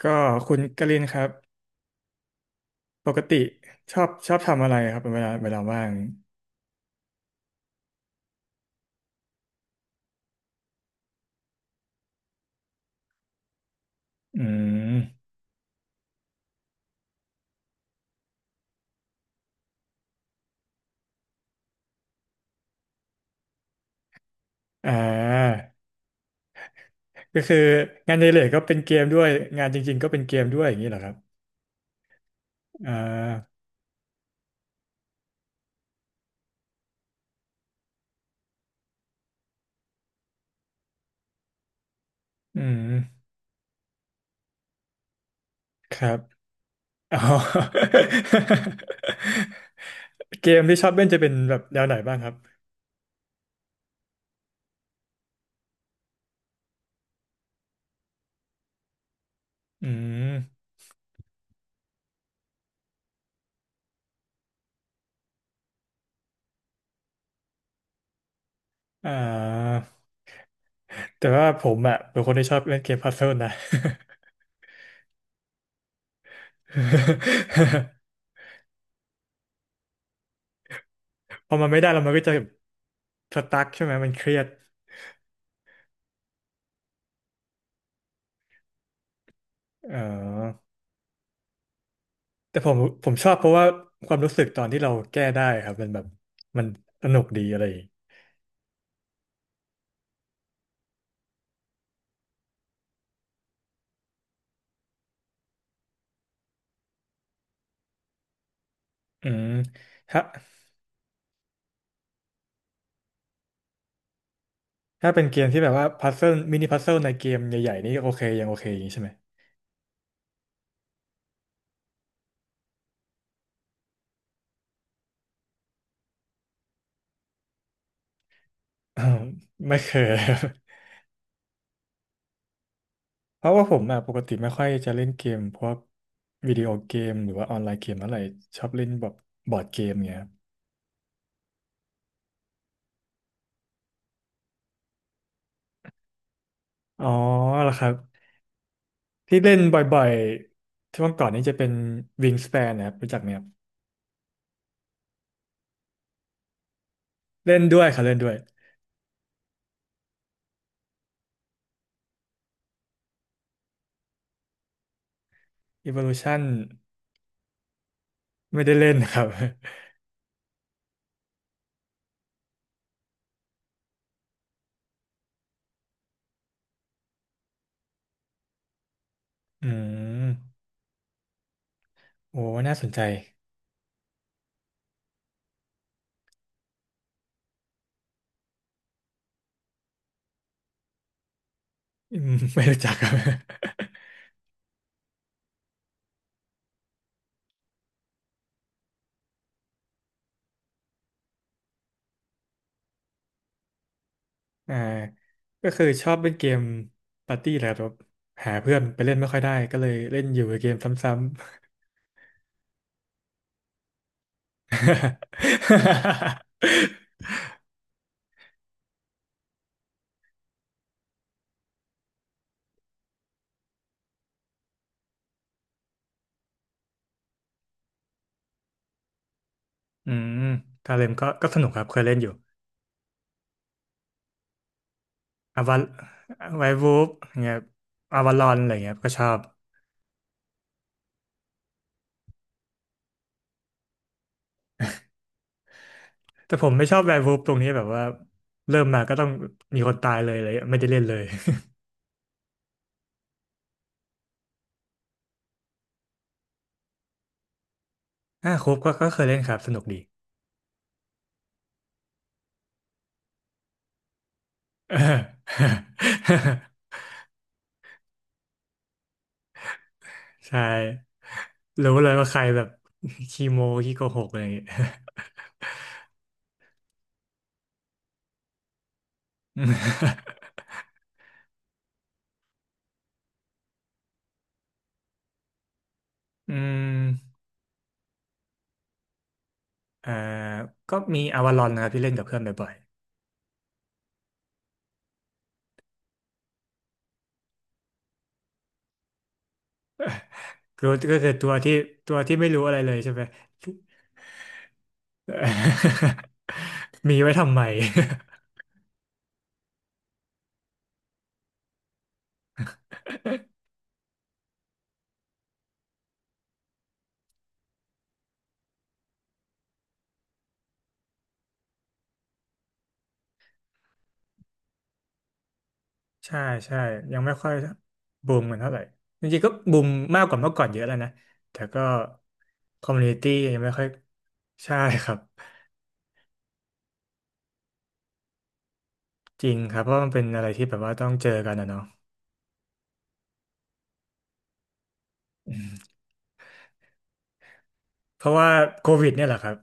ก็คุณกลินครับปกติชอบทำอะไรครับเวลาว่างอืมอ่าก็คืองานในเหล็กก็เป็นเกมด้วยงานจริงๆก็เป็นเกมด้วยอย่างนี้เหรอครับอ่าอืมครับอ๋อ เกมที่ชอบเล่นจะเป็นแบบแนวไหนบ้างครับอืมอ่าแต่ว่าผมอ่ะเป็นคนที่ชอบเล่นเกมพัซเซิลนะ พอมันไม่ได้แล้วมันก็จะสตั๊กใช่ไหมมันเครียดเออ แต่ผมผมชอบเพราะว่าความรู้สึกตอนที่เราแก้ได้ครับมันแบบมันสนุกดีอะไรอย่างงี้อืมถ้าถ้าเป็นเกมที่แบบว่าพัซเซิลมินิพัซเซิลในเกมใหญ่ๆนี่โอเคยังโอเคอย่างนี้ใช่ไหมอ้าว ไม่เคย เพราะว่าผมอ่ะปกติไม่ค่อยจะเล่นเกมพวกวิดีโอเกมหรือว่าออนไลน์เกมอะไรชอบเล่นแบบบอร์ดเกมเงี้ยครับอ๋อเหรอครับที่เล่นบ่อยๆช่วงก่อนนี้จะเป็น Wingspan นะครับรู้จักไหมครับเล่นด้วยครับเล่นด้วย Evolution ไม่ได้เล่นครับ อืมโอ้น่าสนใจ อืมไม่รู้จักครับ อ่าก็คือชอบเล่นเกมปาร์ตี้แหละครับหาเพื่อนไปเล่นไม่ค่อยได้ก็เลยเล่นอยู่กับเกมซ้ำๆ อืมกาเลมก็สนุกครับเคยเล่นอยู่อาวาไววูฟเงี้ยอาวาลอนอะไรเงี้ยก็ชอบแต่ผมไม่ชอบไววูฟตรงนี้แบบว่าเริ่มมาก็ต้องมีคนตายเลยเลยไม่ได้เล่นเลย อ่าครบก็เคยเล่นครับสนุกดี เออ ใช่รู้เลยว่าใครแบบขี้โม้ขี้โกหกอะไรอย่างเงี้ย อืมอืมเอ่อก็มีอวาลอนนะครับที่เล่นกับเพื่อนบ่อยๆก็คือตัวที่ไม่รู้อะไรเลยใช่ไหม มีไว้ทำไม ใช่ใช่ยังไม่ค่อยบูมกันเท่าไหร่จริงๆก็บูมมากกว่าเมื่อก่อนเยอะแล้วนะแต่ก็คอมมูนิตี้ยังไม่ค่อยใช่ครับ จริงครับเพราะมันเป็นอะไรที่แบบว่าต้องเจอกันนะเนาะเพราะว่าโควิดเนี่ยแหละครับ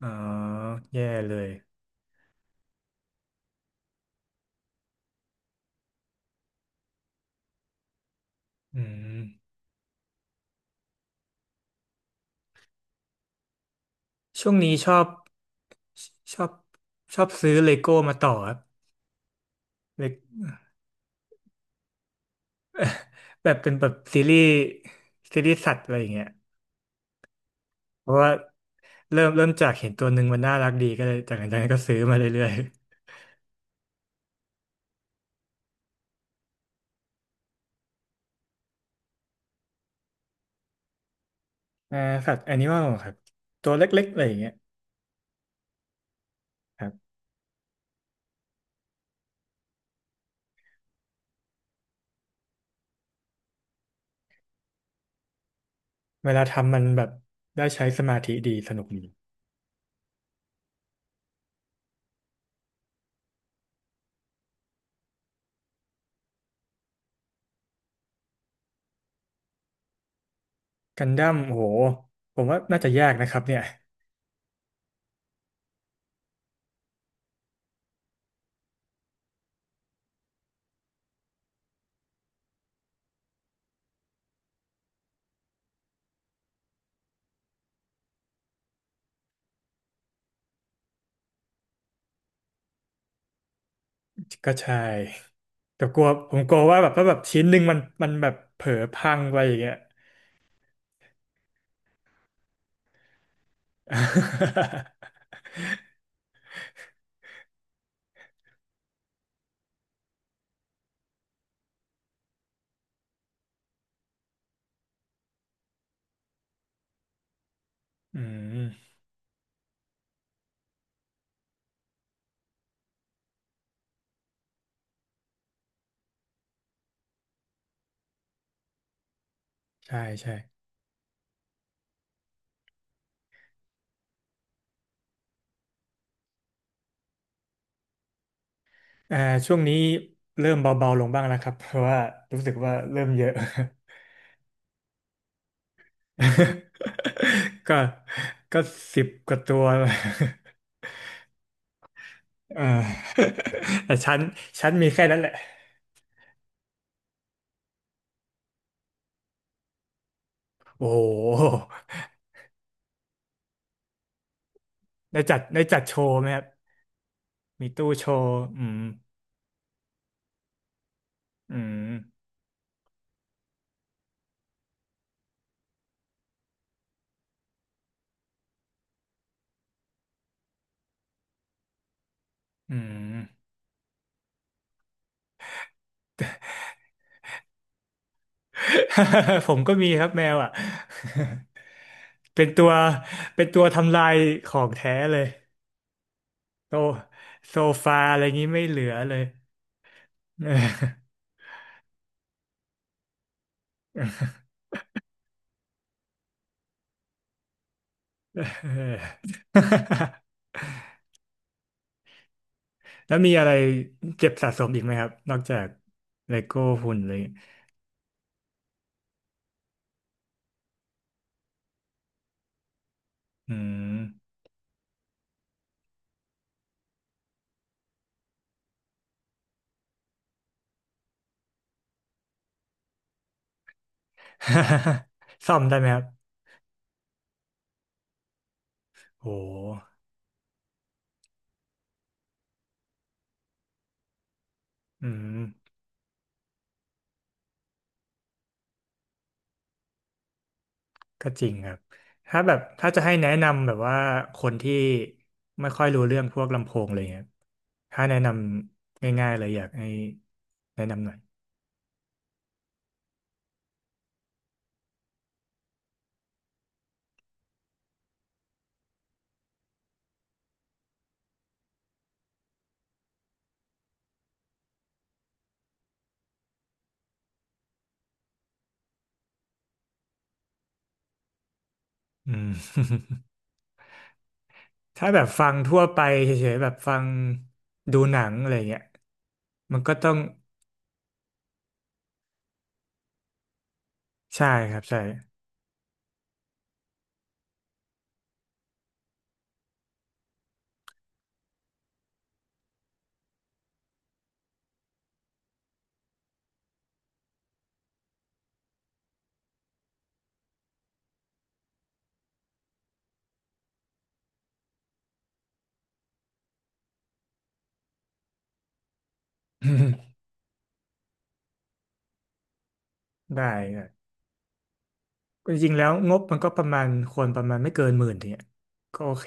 อ๋อแย่เลยอืมช่วงนี้ชอบชชอบชอบซื้อเลโก้มาต่อครับ Le- แบบเป็นแบบซีรีส์ซีรีส์สัตว์อะไรอย่างเงี้ยเพราะว่าเริ่มจากเห็นตัวหนึ่งมันน่ารักดีก็เลยจากนั้นก็ซื้อมาเรื่อยๆ อ่าสัตว์แอนิมอลครับตัวเล็กๆอะไรอย่างเงี้ยครับเวลาทำมันแบบได้ใช้สมาธิดีสนุกดีกันดั้มโหผมว่าน่าจะยากนะครับเนี่ย ก็ใช่แต่กลัวผมกลัวว่าแบบถ้าแบบชิ้นหนึ่งมันแบบเผลอพังไปอย่างเงี้ย อืมใช่ใช่อ่าช่วงนี้เริ่มเบาๆลงบ้างแล้วครับเพราะว่ารู้สึกว่าเริ่มเยอะ ก็ก็สิบกว่าตัว เออ แต่ชั้นชั้นมีแค่นั้นแหละโอ้โหได้จัดโชว์ไหมครับมีตู้โชว์อืมอืมอืม ผมก็มีครับแมวอ่ะ เป็นตัวเป็นตัวทำลายของแท้เลยโตโซฟาอะไรงี้ไม่เหลือเลย เออเออ แล้วมีอะไรเจ็บสะสมอีกไหมครับนอกจากเลโก้หุ่นเลยอืม ซ่อมได้ไหมครับโหอืม ก็จริงครับถ้าจะให้แนะนำแบบว่าคนที่ไม่ค่อยรู้เรื่องพวกลำโพงอะไรเงี้ยถ้าแนะนำง่ายๆเลยอยากให้แนะนำหน่อยอืม ถ้าแบบฟังทั่วไปเฉยๆแบบฟังดูหนังอะไรเงี้ยมันก็ต้องใช่ครับใช่ ได้ครับจริงๆแล้วงบมันก็ประมาณควรประมาณไม่เกินหมื่นเนี่ยก็โอเค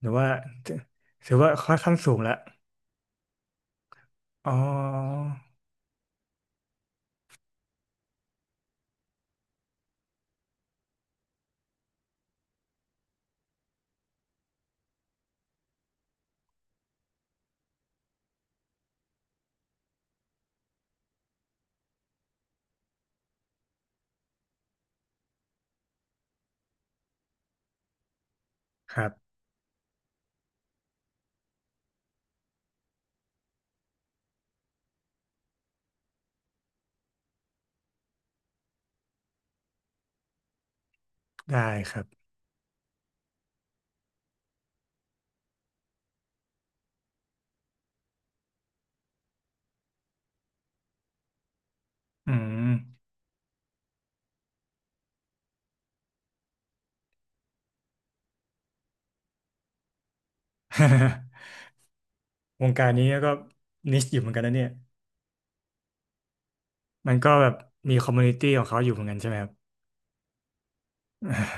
หรือว่าถือถือว่าค่อนข้างสูงละอ๋อครับได้ครับอืม วงการนี้ก็นิชอยู่เหมือนกันนะเนี่ย มันก็แบบมีคอมมูนิตี้ของเขาอยู่เหมือนกันใช่ไหมครับ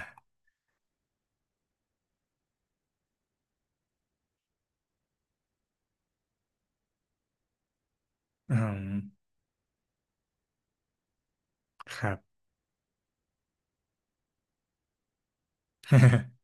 อืมครับ